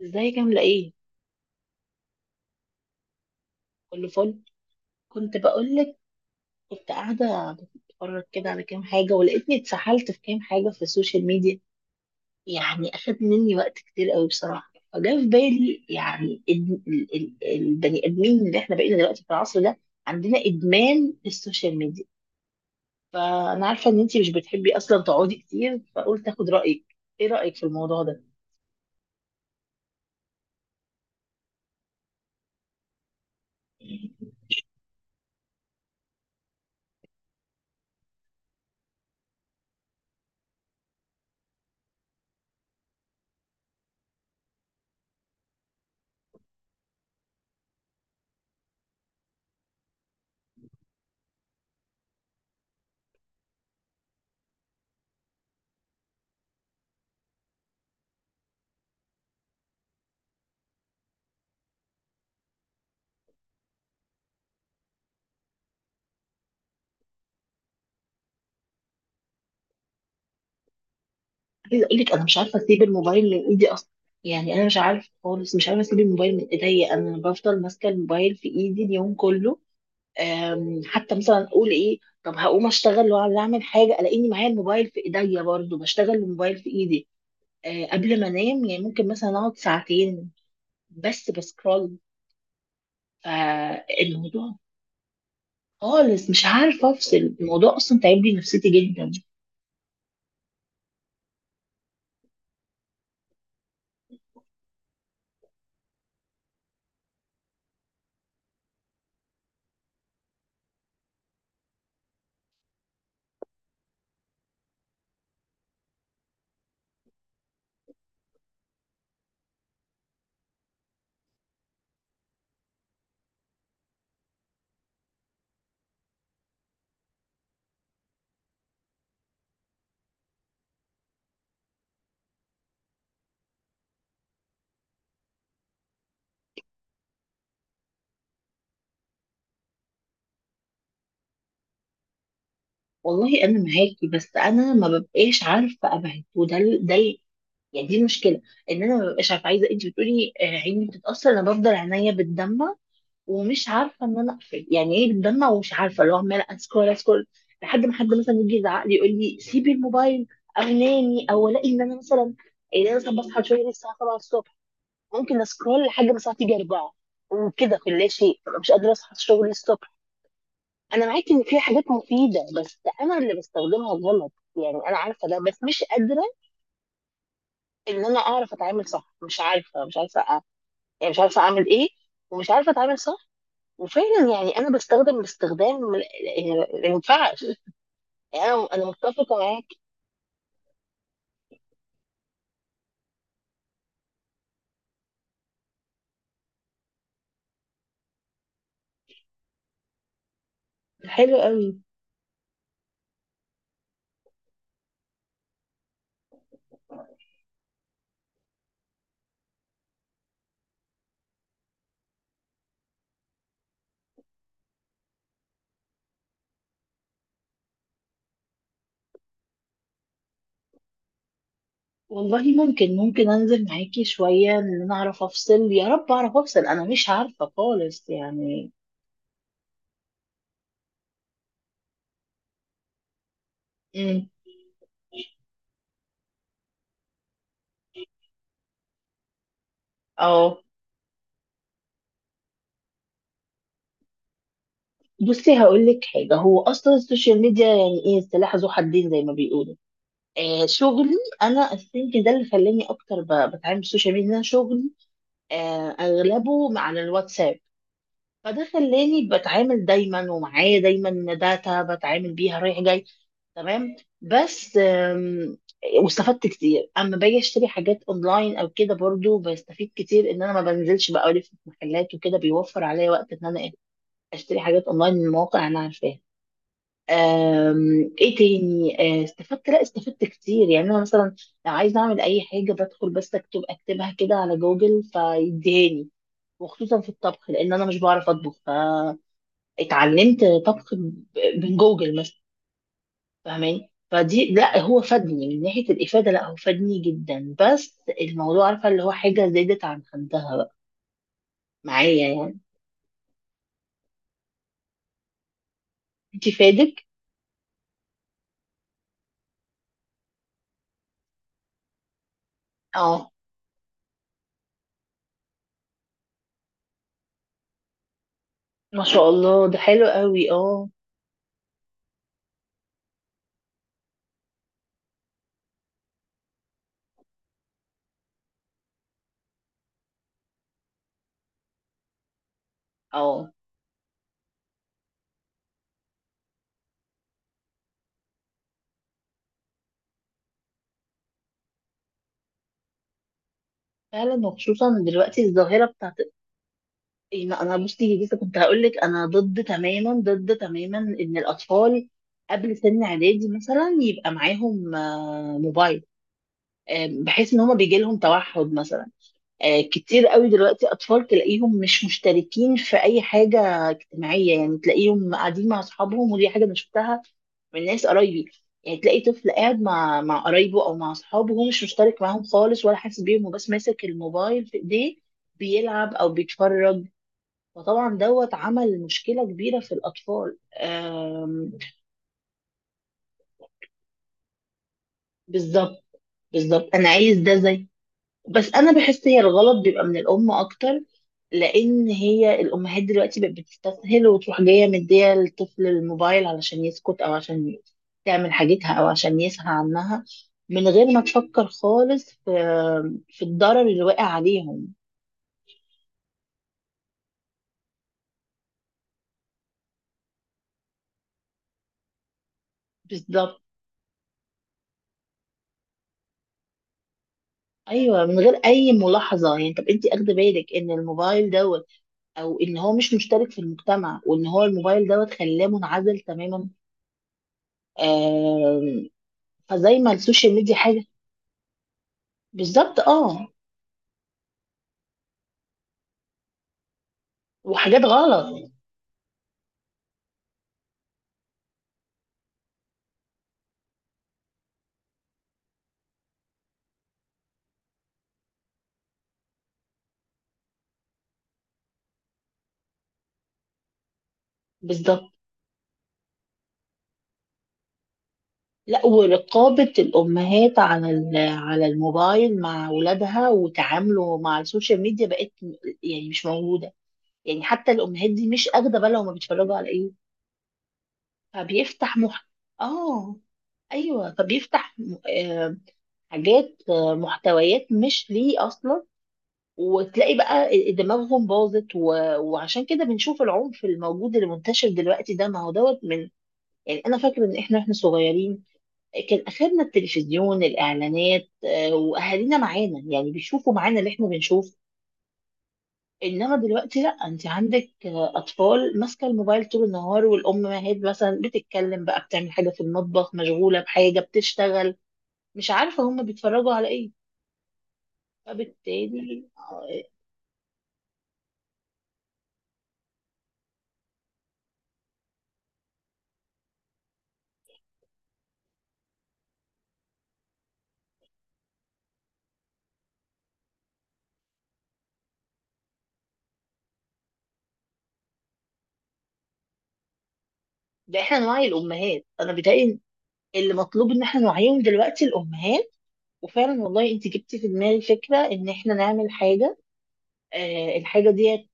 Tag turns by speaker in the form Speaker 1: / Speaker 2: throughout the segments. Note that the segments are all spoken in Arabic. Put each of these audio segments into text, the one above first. Speaker 1: ازيك عاملة ايه؟ كله فل. كنت بقولك، كنت قاعدة بتفرج كده على كام حاجة ولقيتني اتسحلت في كام حاجة في السوشيال ميديا. يعني أخد مني وقت كتير قوي بصراحة، فجاء في بالي يعني البني آدمين اللي احنا بقينا دلوقتي في العصر ده عندنا إدمان السوشيال ميديا. فأنا عارفة إن انتي مش بتحبي أصلا تقعدي كتير، فقلت أخد رأيك. ايه رأيك في الموضوع ده؟ عايزه اقول لك انا مش عارفه اسيب الموبايل من ايدي اصلا. يعني انا مش عارفه خالص، مش عارفه اسيب الموبايل من ايديا، انا بفضل ماسكه الموبايل في ايدي اليوم كله. حتى مثلا اقول ايه، طب هقوم اشتغل ولا اعمل حاجه، الاقيني معايا الموبايل في ايديا، برضو بشتغل الموبايل في ايدي. قبل ما انام يعني ممكن مثلا اقعد ساعتين بس بسكرول. فالموضوع خالص مش عارفه افصل، الموضوع اصلا تعب لي نفسيتي جدا. والله انا معاكي، بس انا ما ببقاش عارفه ابعد، وده ال- ده يعني دي المشكله، ان انا ما ببقاش عارفه. عايزه انت بتقولي، عيني بتتاثر، انا بفضل عينيا بتدمع ومش عارفه ان انا اقفل. يعني ايه بتدمع ومش عارفه اللي هو عماله اسكرول اسكرول لحد ما حد مثلا يجي يزعق لي يقول لي سيبي الموبايل او نامي، او الاقي ان انا مثلا، ان انا مثلا بصحى شويه الساعه 7 الصبح ممكن اسكرول لحد ما الساعه تيجي 4 وكده في لا شيء، ببقى مش قادره اصحى الشغل الصبح. انا معاكي ان في حاجات مفيده، بس انا اللي بستخدمها غلط. يعني انا عارفه ده بس مش قادره ان انا اعرف اتعامل صح، مش عارفه، مش عارفه. يعني مش عارفه اعمل ايه، ومش عارفه اتعامل صح. وفعلا يعني انا بستخدم باستخدام، يعني ما ينفعش. يعني انا متفقه معاك. حلو قوي. والله ممكن، ممكن انزل معاكي شويه ان انا اعرف افصل، يا رب اعرف افصل، انا مش عارفه خالص يعني. امم. اه، بصي هقول لك حاجه، هو اصلا السوشيال ميديا يعني ايه؟ سلاح ذو حدين زي ما بيقولوا. آه، شغلي. انا الثينك ده اللي خلاني اكتر بتعامل بالسوشيال ميديا، إن أنا شغلي آه اغلبه على الواتساب. فده خلاني بتعامل دايما، ومعايا دايما داتا بتعامل بيها رايح جاي. تمام. بس واستفدت كتير اما باجي اشتري حاجات اونلاين او كده. برضو بستفيد كتير ان انا ما بنزلش بقى الف في محلات وكده، بيوفر عليا وقت ان انا اشتري حاجات اونلاين من مواقع انا عارفاها. ايه تاني؟ استفدت، لا استفدت كتير. يعني انا مثلا لو عايزه اعمل اي حاجه بدخل بس اكتب اكتبها كده على جوجل فيديهاني. وخصوصا في الطبخ، لان انا مش بعرف اطبخ، ف اتعلمت طبخ من جوجل مثلا، فاهماني؟ فدي، لا هو فادني من ناحية الإفادة، لا هو فادني جدا. بس الموضوع عارفة اللي هو حاجة زادت عن حدها بقى معايا يعني. انت فادك؟ اه، ما شاء الله، ده حلو قوي. اه. اه فعلا، وخصوصا دلوقتي الظاهرة بتاعت. أنا بصي لسه كنت هقول لك، انا ضد تماما، ضد تماما، ان الأطفال قبل سن اعدادي مثلا يبقى معاهم موبايل. بحيث ان هما بيجي لهم توحد مثلا. كتير قوي دلوقتي اطفال تلاقيهم مش مشتركين في اي حاجه اجتماعيه. يعني تلاقيهم قاعدين مع اصحابهم، ودي حاجه انا شفتها من ناس قرايبي. يعني تلاقي طفل قاعد مع قرايبه او مع اصحابه وهو مش مشترك معاهم خالص ولا حاسس بيهم، وبس ماسك الموبايل في ايديه بيلعب او بيتفرج. فطبعا دوت عمل مشكله كبيره في الاطفال. آم، بالظبط. بالظبط، انا عايز ده زي، بس انا بحس هي الغلط بيبقى من الام اكتر. لان هي الامهات دلوقتي بقت بتستسهل وتروح جايه مديه للطفل الموبايل علشان يسكت، او عشان تعمل حاجتها، او عشان يسهى عنها، من غير ما تفكر خالص في في الضرر اللي واقع عليهم. بالظبط. ايوه من غير اي ملاحظه. يعني طب انت اخده بالك ان الموبايل دوت، او ان هو مش مشترك في المجتمع، وان هو الموبايل دوت خلاه منعزل تماما. آم، فزي ما السوشيال ميديا حاجه. بالظبط اه. وحاجات غلط. بالظبط. لا ورقابة الأمهات على على الموبايل مع أولادها وتعامله مع السوشيال ميديا يعني مش موجودة. يعني حتى الأمهات دي مش أخدة بالها هما بيتفرجوا على إيه. فبيفتح مح، آه، أيوه فبيفتح حاجات، محتويات مش ليه أصلا. وتلاقي بقى دماغهم باظت و... وعشان كده بنشوف العنف الموجود اللي منتشر دلوقتي ده، ما هو دوت من، يعني انا فاكره ان احنا، صغيرين كان اخرنا التلفزيون، الاعلانات، واهالينا معانا يعني بيشوفوا معانا اللي احنا بنشوف. انما دلوقتي لا، انت عندك اطفال ماسكه الموبايل طول النهار، والامهات مثلا بتتكلم بقى، بتعمل حاجه في المطبخ، مشغوله بحاجه، بتشتغل، مش عارفه هم بيتفرجوا على ايه. فبالتالي ده احنا نوعي الامهات، انا بيتهيألي اللي مطلوب ان احنا نوعيهم دلوقتي الامهات. وفعلا والله انت جبتي في دماغي فكره ان احنا نعمل حاجه. الحاجه ديت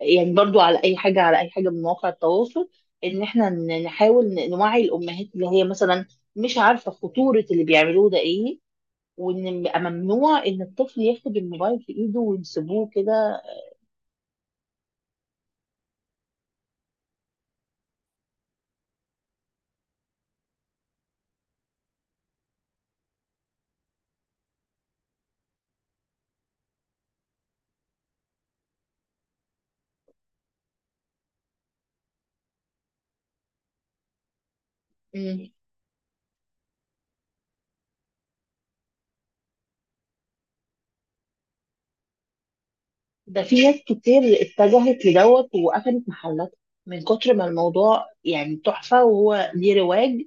Speaker 1: يعني برضو على اي حاجه، على اي حاجه من مواقع التواصل، ان احنا نحاول نوعي الامهات اللي هي مثلا مش عارفه خطوره اللي بيعملوه ده ايه، وان يبقى ممنوع ان الطفل ياخد الموبايل في ايده ويسيبوه كده. مم. ده في ناس كتير اتجهت لدوت وقفلت محلات، من كتر ما الموضوع يعني تحفه وهو ليه رواج.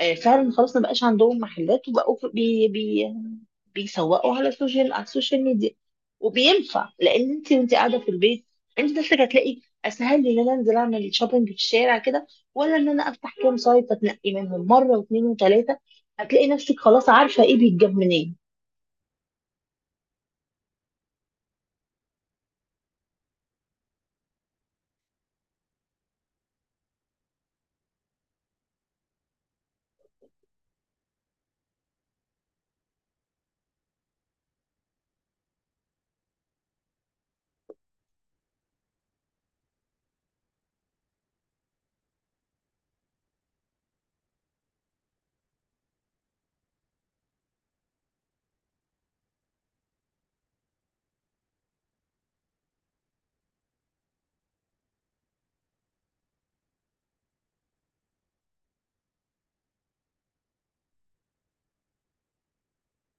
Speaker 1: فعلا خلاص ما بقاش عندهم محلات وبقوا بي بيسوقوا على السوشيال، على السوشيال ميديا. وبينفع لان انت وانت قاعده في البيت، انت نفسك هتلاقي اسهل لي ان انا انزل اعمل شوبينج في الشارع كده، ولا ان انا افتح كام سايت اتنقي منهم مره واثنين وثلاثه. هتلاقي نفسك خلاص عارفه ايه بيتجاب منين.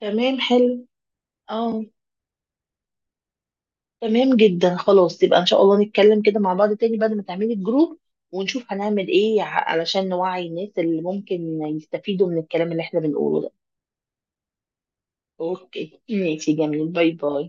Speaker 1: تمام، حلو. اه تمام جدا، خلاص يبقى ان شاء الله نتكلم كده مع بعض تاني بعد ما تعملي الجروب ونشوف هنعمل ايه علشان نوعي الناس اللي ممكن يستفيدوا من الكلام اللي احنا بنقوله ده. اوكي، ماشي، جميل. باي باي.